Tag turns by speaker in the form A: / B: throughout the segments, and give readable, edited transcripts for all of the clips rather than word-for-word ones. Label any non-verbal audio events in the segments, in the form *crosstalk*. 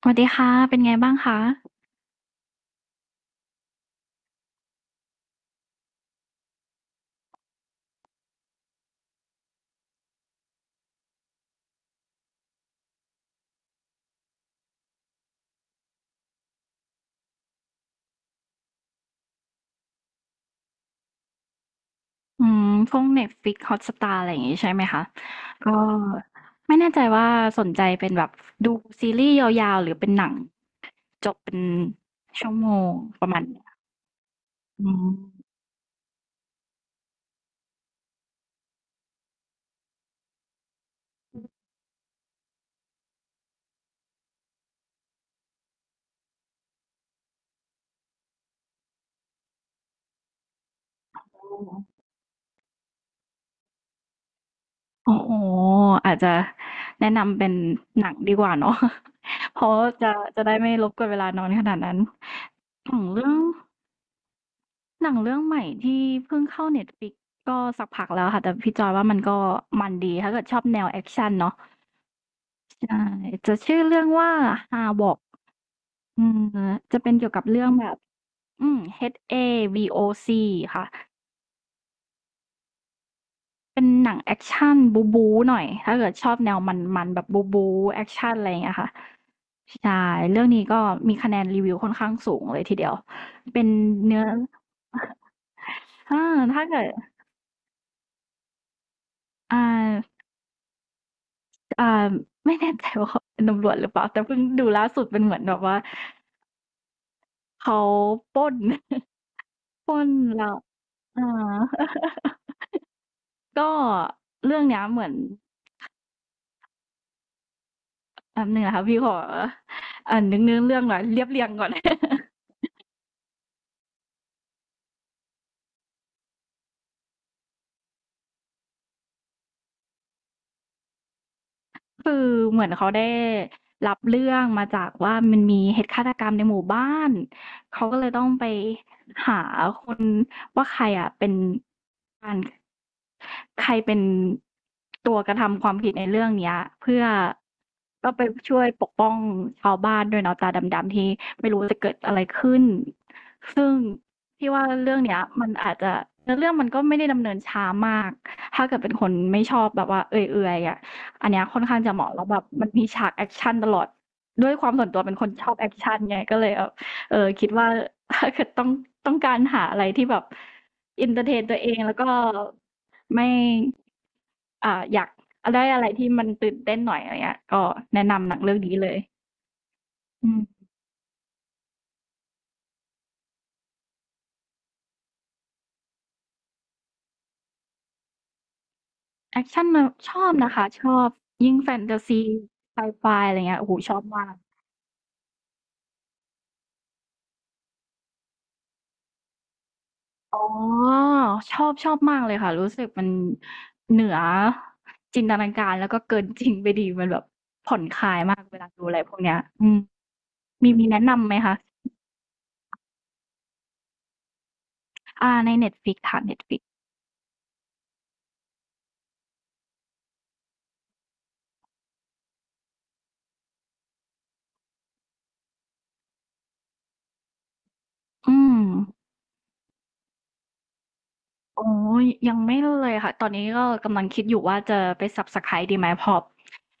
A: สวัสดีค่ะ เป็นไงบ้างคะอืมพวก Netflix Hotstar อะไรอย่างงี้ใช่ไหมคะ ก็ไม่แน่ใจว่าสนใจเป็นแบบดูซีรีส์ยาวๆหรือเป็นหนังจบเป็นชั่วโมงประมาณเนี้ยอืมโอ้โหอาจจะแนะนำเป็นหนังดีกว่าเนาะ *laughs* เพราะจะจะได้ไม่รบกวนเวลานอนขนาดนั้นของเรื่องหนังเรื่องใหม่ที่เพิ่งเข้าเน็ตฟ i ิกก็สักพักแล้วค่ะ แต่พี่จอยว่ามันมันดีถ้าเกิดชอบแนวแอคชั่นเนาะ ใช่จะชื่อเรื่องว่า Havok อืมจะเป็นเกี่ยวกับเรื่องแบบHAVOC ค่ะเป็นหนังแอกชันบู๊บู๊หน่อยถ้าเกิดชอบแนวมันๆแบบบู๊บู๊แอกชันอะไรอย่างเงี้ยค่ะใช่เรื่องนี้ก็มีคะแนนรีวิวค่อนข้างสูงเลยทีเดียวเป็นเนื้อ *laughs* อาถ้าเกิดอ่าอ่าไม่แน่ใจว่าเขาเป็นตำรวจหรือเปล่าแต่เพิ่งดูล่าสุดเป็นเหมือนแบบว่าเขาปล้น *laughs* ปล้นแล้วอา ก็เรื่องเนี้ยเหมือนแป๊บหนึงนะคะพี่ขออ่านนึกเนื้อเรื่องหน่อยเรียบเรียงก่อน *laughs* คือเหมือนเขาได้รับเรื่องมาจากว่ามันมีเหตุฆาตกรรมในหมู่บ้านเขาก็เลยต้องไปหาคนว่าใครอ่ะเป็นการ ใครเป็นตัวกระทำความผิดในเรื่องเนี้ยเพื่อก็ไปช่วยปกป้องชาวบ้านด้วยเนาะตาดำๆที่ไม่รู้จะเกิดอะไรขึ้นซึ่งพี่ว่าเรื่องเนี้ยมันอาจจะเรื่องมันก็ไม่ได้ดำเนินช้ามากถ้าเกิดเป็นคนไม่ชอบแบบว่าเอื่อยๆอ่ะอันเนี้ยค่อนข้างจะเหมาะแล้วแบบมันมีฉากแอคชั่นตลอดด้วยความส่วนตัวเป็นคนชอบแอคชั่นไงก็เลยแบบเออคิดว่าถ้าเกิดต้องการหาอะไรที่แบบเอินเตอร์เทนตัวเองแล้วก็ ไม่อ่าอยากได้อะไรที่มันตื่นเต้นหน่อยอะไรเงี้ยก็แนะนำหนังเรื่องนี้เลยอืมแอกชันนชอบนะคะ ชอบยิ่งแฟนตาซีไซไฟอะไรเงี้ยโอ้โฮชอบมาก อ๋อชอบมากเลยค่ะ รู้สึกมันเหนือจินตนาการแล้วก็เกินจริงไปดีมันแบบผ่อนคลายมากเวลาดูอะไรพวกเนี้ยมีแนะนำไหมคะ อ่า ใน Netflix ค่ะ Netflix อืม อ๋อยังไม่เลยค่ะ ตอนนี้ก็กำลังคิดอยู่ว่าจะไป Subscribe ดีไหมพอ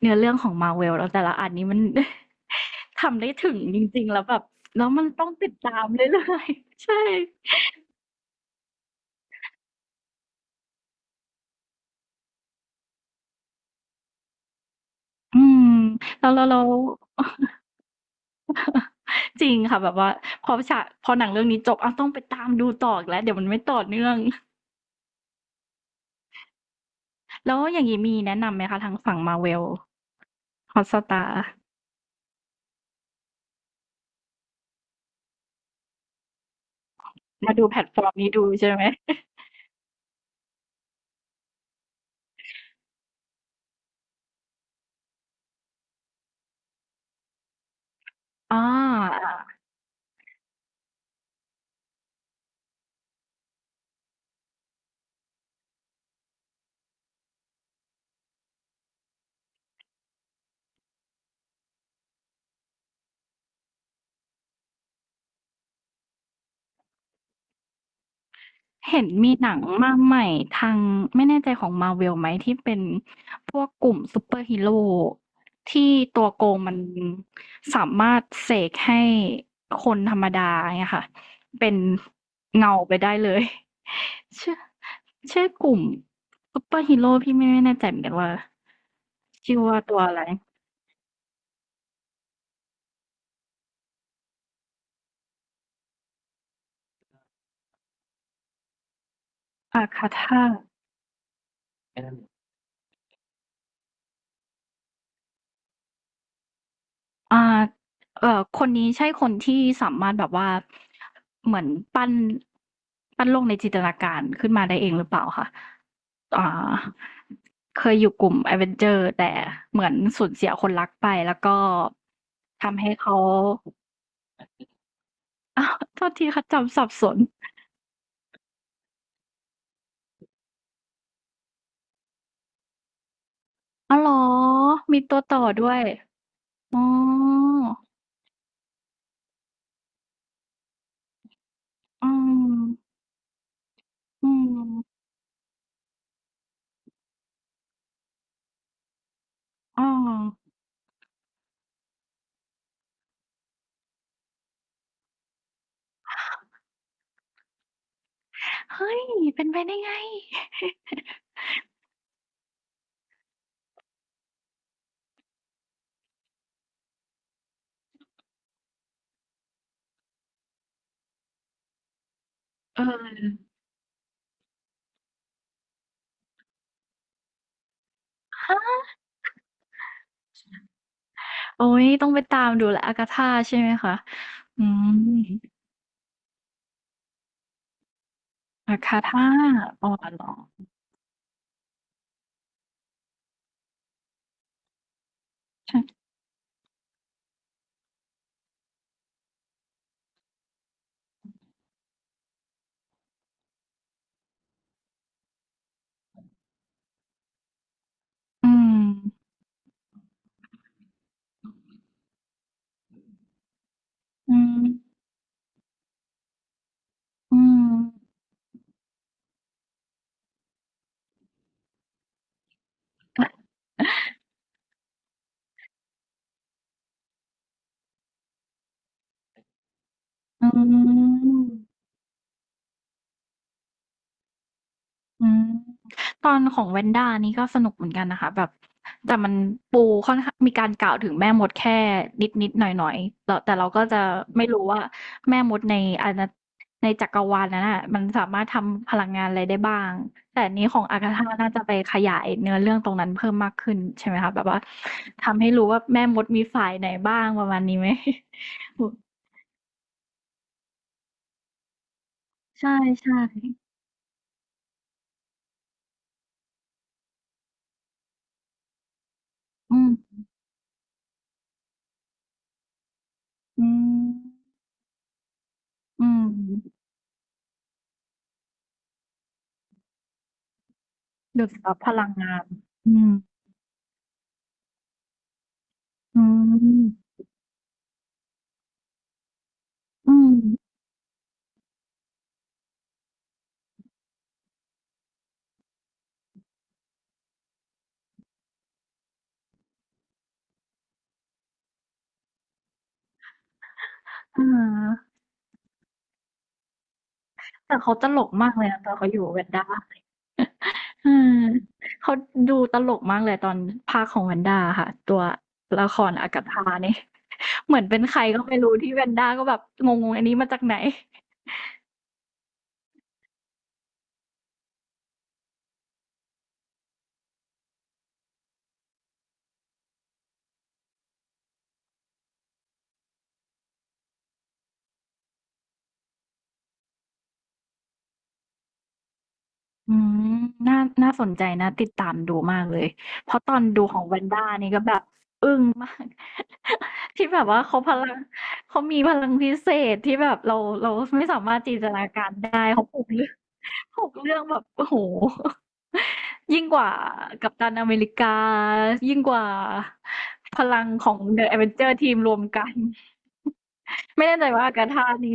A: เนื้อเรื่องของ Marvel แล้วแต่ละอันนี้มัน *laughs* ทำได้ถึงจริงๆแล้วแบบแล้วมันต้องติดตามเรื่อยๆ *laughs* ใช่อืมแล้วจริงค่ะแบบว่าพอฉากพอหนังเรื่องนี้จบอ้าวต้องไปตามดูต่ออีกแล้วเดี๋ยวมันไม่ต่อเนื่อง *laughs* แล้วอย่างงี้มีแนะนำไหมคะทางฝั่ง Marvel Hotstar มาดูแพลตฟอร์มนี้ดูใช่ไหม *laughs* อา เห็นมีหนังมาใหม่ทางไม่แน่ใจของ Marvel ไหมที่เป็นพวกกลุ่มซูเปอร์ฮีโร่ที่ตัวโกงมันสามารถเสกให้คนธรรมดาเนี่ยค่ะเป็นเงาไปได้เลย *laughs* ชื่อชื่อกลุ่มซูเปอร์ฮีโร่พี่ไม่แน่ใจเหมือนกันว่าชื่อว่าตัวอะไรอาคาธา อ่าเอ่อคนนี้ใช่คนที่สามารถแบบว่าเหมือนปั้นปั้นโลกในจินตนาการขึ้นมาได้เองหรือเปล่าคะอ่าเคยอยู่กลุ่ม Avenger แต่เหมือนสูญเสียคนรักไปแล้วก็ทำให้เขา *laughs* อ้าวโทษทีค่ะจำสับสนอ้าวเหรอมีตัวต่อด้วยอ๋ออืมอืมอ้อเฮ้ยเป็นไปได้ไงเออฮะ โอ๊ยต้องไปตามดูแล a g า t ธาใช่ไหมคะอืมอาก t ธาอ๋อเหรอใช่อืมอืมอืม *laughs* อืม อืมตอนของ w น n d a นี่ก็สนุกเหมือนกันนะคะแบบแต่มันปูค่อนข้างมีการกล่าวถึงแม่มดแค่นิดๆหน่อยหน่อยๆแต่เราก็จะไม่รู้ว่าแม่มดในอาณาในจักรวาลนั้นน่ะมันสามารถทำพลังงานอะไรได้บ้างแต่อันนี้ของอากาธาน่าจะไปขยายเนื้อเรื่องตรงนั้นเพิ่มมากขึ้นใช่ไหมคะแบบว่าทำให้รู้ว่าแม่มดมีฝ่ายไหนบ้างประมาณนี้ไหม *laughs* ใช่ใช่อืมอืมอืมดูดซับพลังงานอืม อืมอืมอาแต่เขาตลกมากเลยอะตอนเขาอยู่กับแวนด้าเออเขาดูตลกมากเลยตอนพากย์ของแวนด้าอะค่ะตัวละครอากาธานี่เหมือนเป็นใครก็ไม่รู้ที่แวนด้าก็แบบงงๆอันนี้มาจากไหนอืมน่าน่าสนใจน่าติดตามดูมากเลยเพราะตอนดูของแวนด้านี่ก็แบบ *laughs* ที่แบบว่าเขาพลังเขามีพลังพิเศษที่แบบเราไม่สามารถจินตนาการได้เขาผูกเรื่องผูกเรื่องแบบโอ้โห *laughs* ยิ่งกว่ากัปตันอเมริกายิ่งกว่าพลังของเดอะ v อเวนเจอร์ทีมรวมกัน *laughs* ไม่แน่ใจว่าอากาธานี้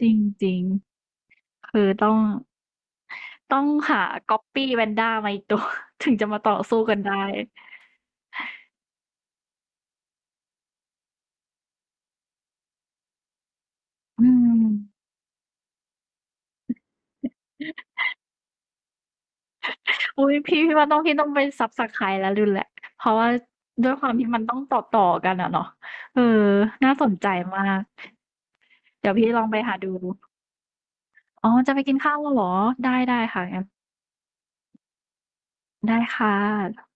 A: จริงๆคือต้องหาก๊อปปี้แวนด้ามาอีกตัว *laughs* ถึงจะมาต่อสู้กันได้อืม อุ้ยพี่ว่าต้องพี่ต้องไปซับสไครต์แล้วลืนแหละเพราะว่าด้วยความที่มันต้องต่อกันอะเนาะเออน่าสนใจมากเดี๋ยวพี่ลองไปหาดูอ๋อจะไปกินข้าวแล้วเหรอได้ค่ะงั้นได้ค่ะ